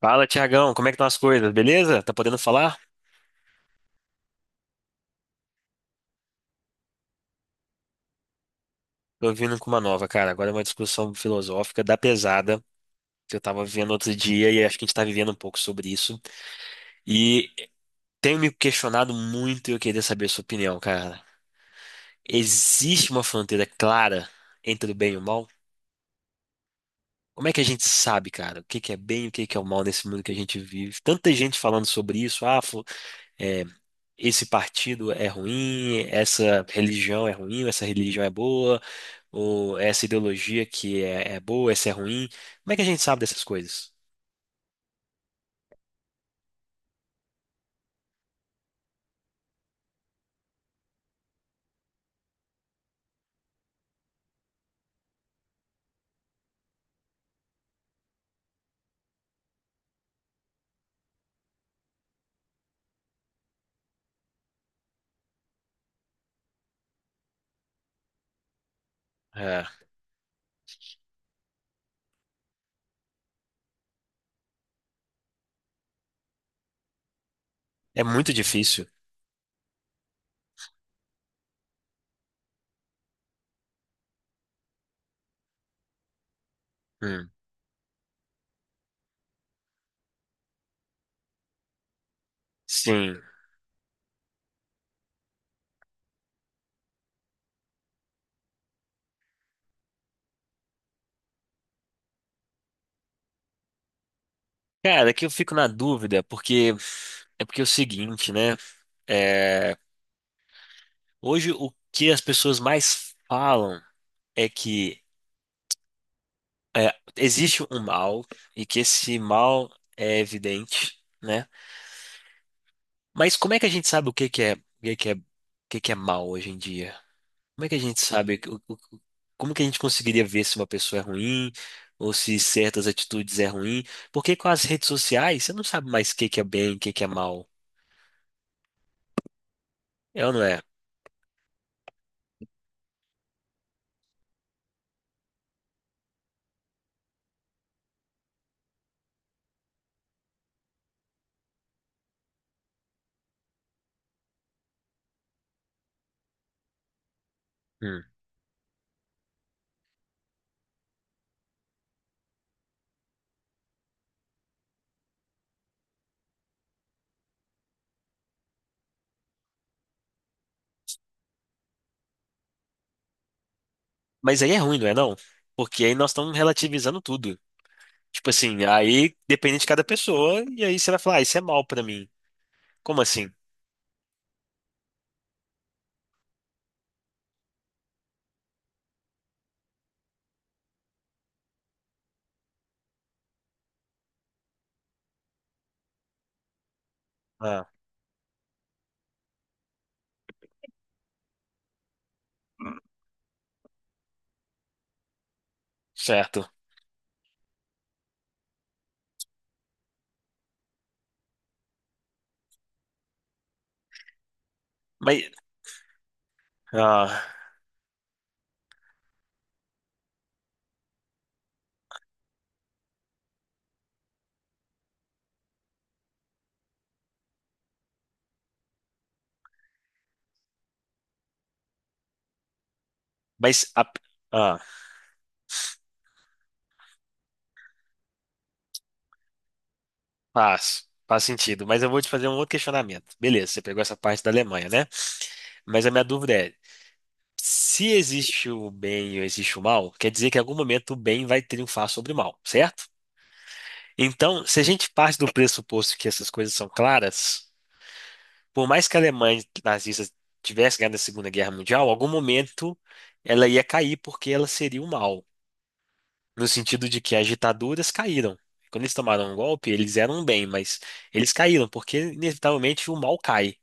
Fala, Tiagão, como é que estão as coisas? Beleza? Tá podendo falar? Tô vindo com uma nova, cara. Agora é uma discussão filosófica da pesada que eu tava vivendo outro dia e acho que a gente tá vivendo um pouco sobre isso. E tenho me questionado muito e eu queria saber a sua opinião, cara. Existe uma fronteira clara entre o bem e o mal? Como é que a gente sabe, cara, o que que é bem e o que que é o mal nesse mundo que a gente vive? Tanta gente falando sobre isso, ah, é, esse partido é ruim, essa religião é ruim, essa religião é boa. Ou essa ideologia que é boa, essa é ruim. Como é que a gente sabe dessas coisas? É, é muito difícil. Hum, sim. Cara, é que eu fico na dúvida, porque é o seguinte, né? É, hoje o que as pessoas mais falam é que existe um mal e que esse mal é evidente, né? Mas como é que a gente sabe o que que é, o que que é, o que que é mal hoje em dia? Como é que a gente sabe? Como que a gente conseguiria ver se uma pessoa é ruim ou se certas atitudes é ruim? Porque com as redes sociais, você não sabe mais o que que é bem, o que que é mal. É ou não é? Hum. Mas aí é ruim, não é não? Porque aí nós estamos relativizando tudo. Tipo assim, aí depende de cada pessoa e aí você vai falar, ah, isso é mal pra mim. Como assim? Ah, certo. Mas, ah, mas a- ah, faz sentido. Mas eu vou te fazer um outro questionamento. Beleza, você pegou essa parte da Alemanha, né? Mas a minha dúvida é se existe o bem e existe o mal, quer dizer que em algum momento o bem vai triunfar sobre o mal, certo? Então, se a gente parte do pressuposto que essas coisas são claras, por mais que a Alemanha nazista tivesse ganhado a Segunda Guerra Mundial, em algum momento ela ia cair porque ela seria o mal, no sentido de que as ditaduras caíram. Quando eles tomaram um golpe, eles eram um bem, mas eles caíram porque inevitavelmente o mal cai.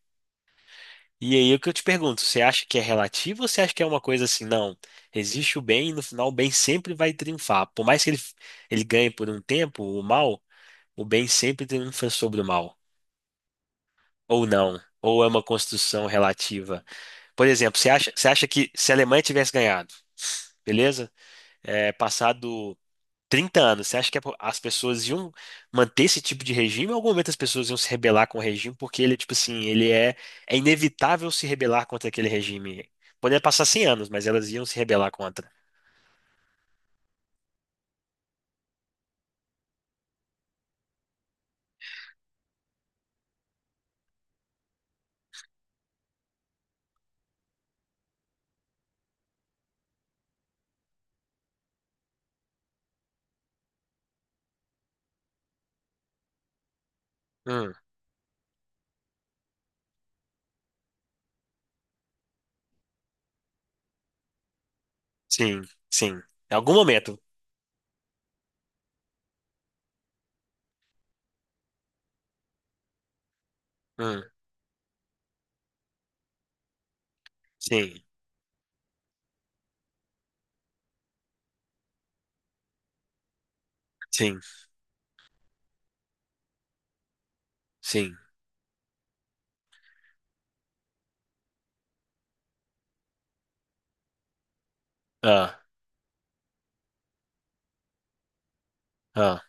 E aí o que eu te pergunto, você acha que é relativo ou você acha que é uma coisa assim, não, existe o bem e no final o bem sempre vai triunfar. Por mais que ele ganhe por um tempo o mal, o bem sempre triunfa sobre o mal. Ou não, ou é uma construção relativa. Por exemplo, você acha que se a Alemanha tivesse ganhado, beleza? Passado 30 anos, você acha que as pessoas iam manter esse tipo de regime? Ou em algum momento as pessoas iam se rebelar com o regime? Porque ele, tipo assim, ele é inevitável se rebelar contra aquele regime. Poderia passar 100 anos, mas elas iam se rebelar contra. Hum, sim, sim. Em algum momento. Hum, sim, sim, sim. Ah, ah.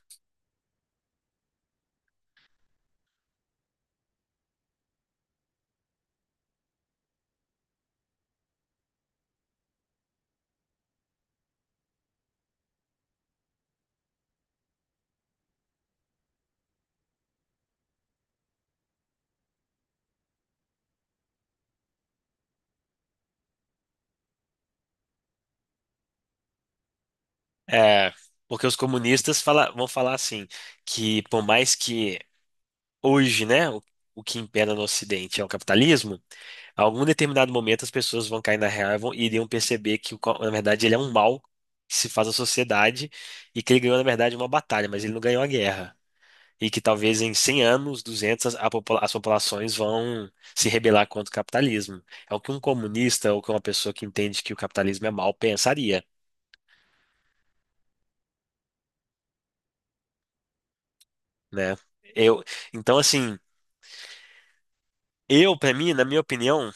É, porque os comunistas vão falar assim, que por mais que hoje, né, o que impera no Ocidente é o capitalismo, a algum determinado momento as pessoas vão cair na real e e iriam perceber que, na verdade, ele é um mal que se faz à sociedade e que ele ganhou, na verdade, uma batalha, mas ele não ganhou a guerra. E que talvez em 100 anos, 200, as populações vão se rebelar contra o capitalismo. É o que um comunista ou que uma pessoa que entende que o capitalismo é mal pensaria, né? Eu, então, assim, pra mim, na minha opinião,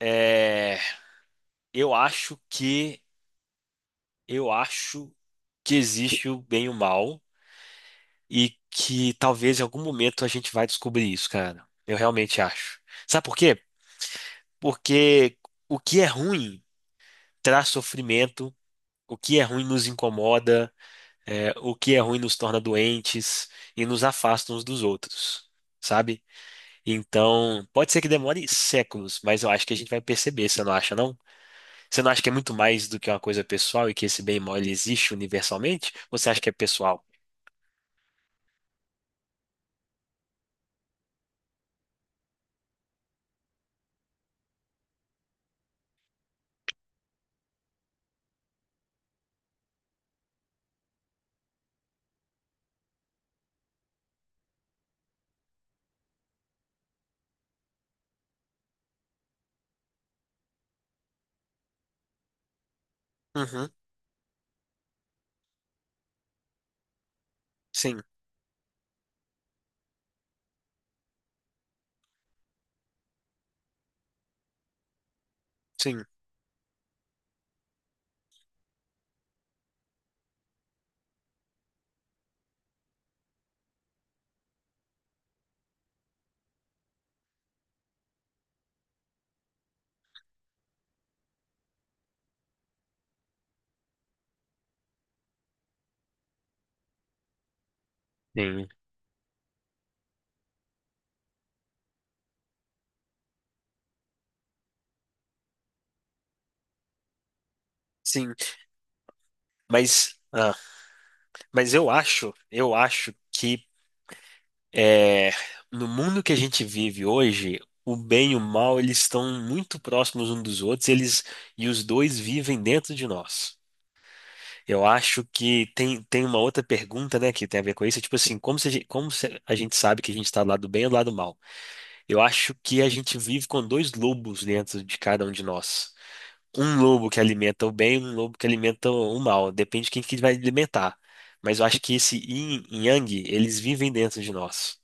é, eu acho que Eu acho que existe o bem e o mal e que talvez em algum momento a gente vai descobrir isso, cara. Eu realmente acho. Sabe por quê? Porque o que é ruim traz sofrimento, o que é ruim nos incomoda, o que é ruim nos torna doentes e nos afasta uns dos outros, sabe? Então, pode ser que demore séculos, mas eu acho que a gente vai perceber, você não acha, não? Você não acha que é muito mais do que uma coisa pessoal e que esse bem e mal ele existe universalmente? Ou você acha que é pessoal? Uhum. Sim, sim, sim. Sim. Mas, eu acho que é, no mundo que a gente vive hoje, o bem e o mal, eles estão muito próximos uns dos outros, eles e os dois vivem dentro de nós. Eu acho que tem uma outra pergunta, né, que tem a ver com isso, tipo assim, como se a gente sabe que a gente está do lado do bem ou do lado do mal? Eu acho que a gente vive com dois lobos dentro de cada um de nós. Um lobo que alimenta o bem e um lobo que alimenta o mal. Depende de quem que vai alimentar. Mas eu acho que esse yin e yang, eles vivem dentro de nós.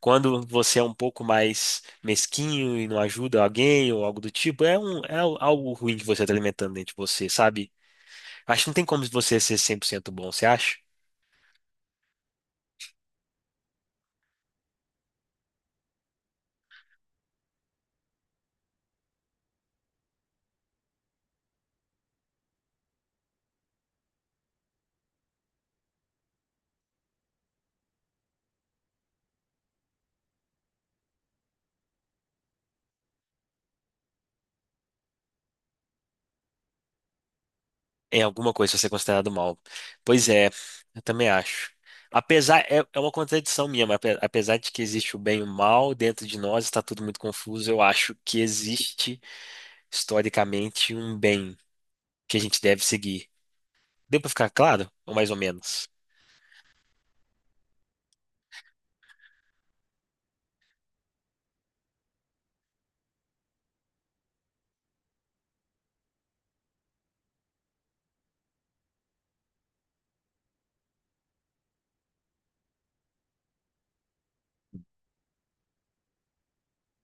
Quando você é um pouco mais mesquinho e não ajuda alguém ou algo do tipo, é algo ruim que você está alimentando dentro de você, sabe? Acho que não tem como você ser 100% bom, você acha? Em alguma coisa vai ser considerado mal. Pois é, eu também acho. Apesar, é uma contradição minha, mas apesar de que existe o bem e o mal dentro de nós, está tudo muito confuso, eu acho que existe historicamente um bem que a gente deve seguir. Deu para ficar claro? Ou mais ou menos?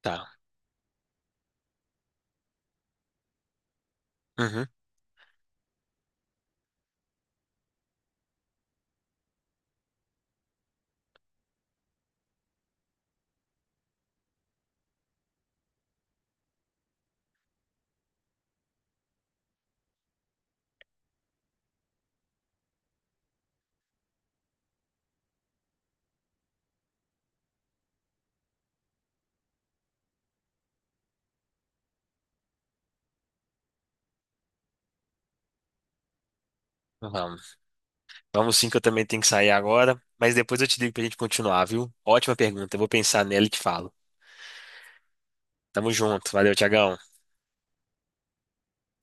Tá. Uhum. Vamos. Vamos sim, que eu também tenho que sair agora, mas depois eu te digo pra gente continuar, viu? Ótima pergunta, eu vou pensar nela e te falo. Tamo junto, valeu, Tiagão.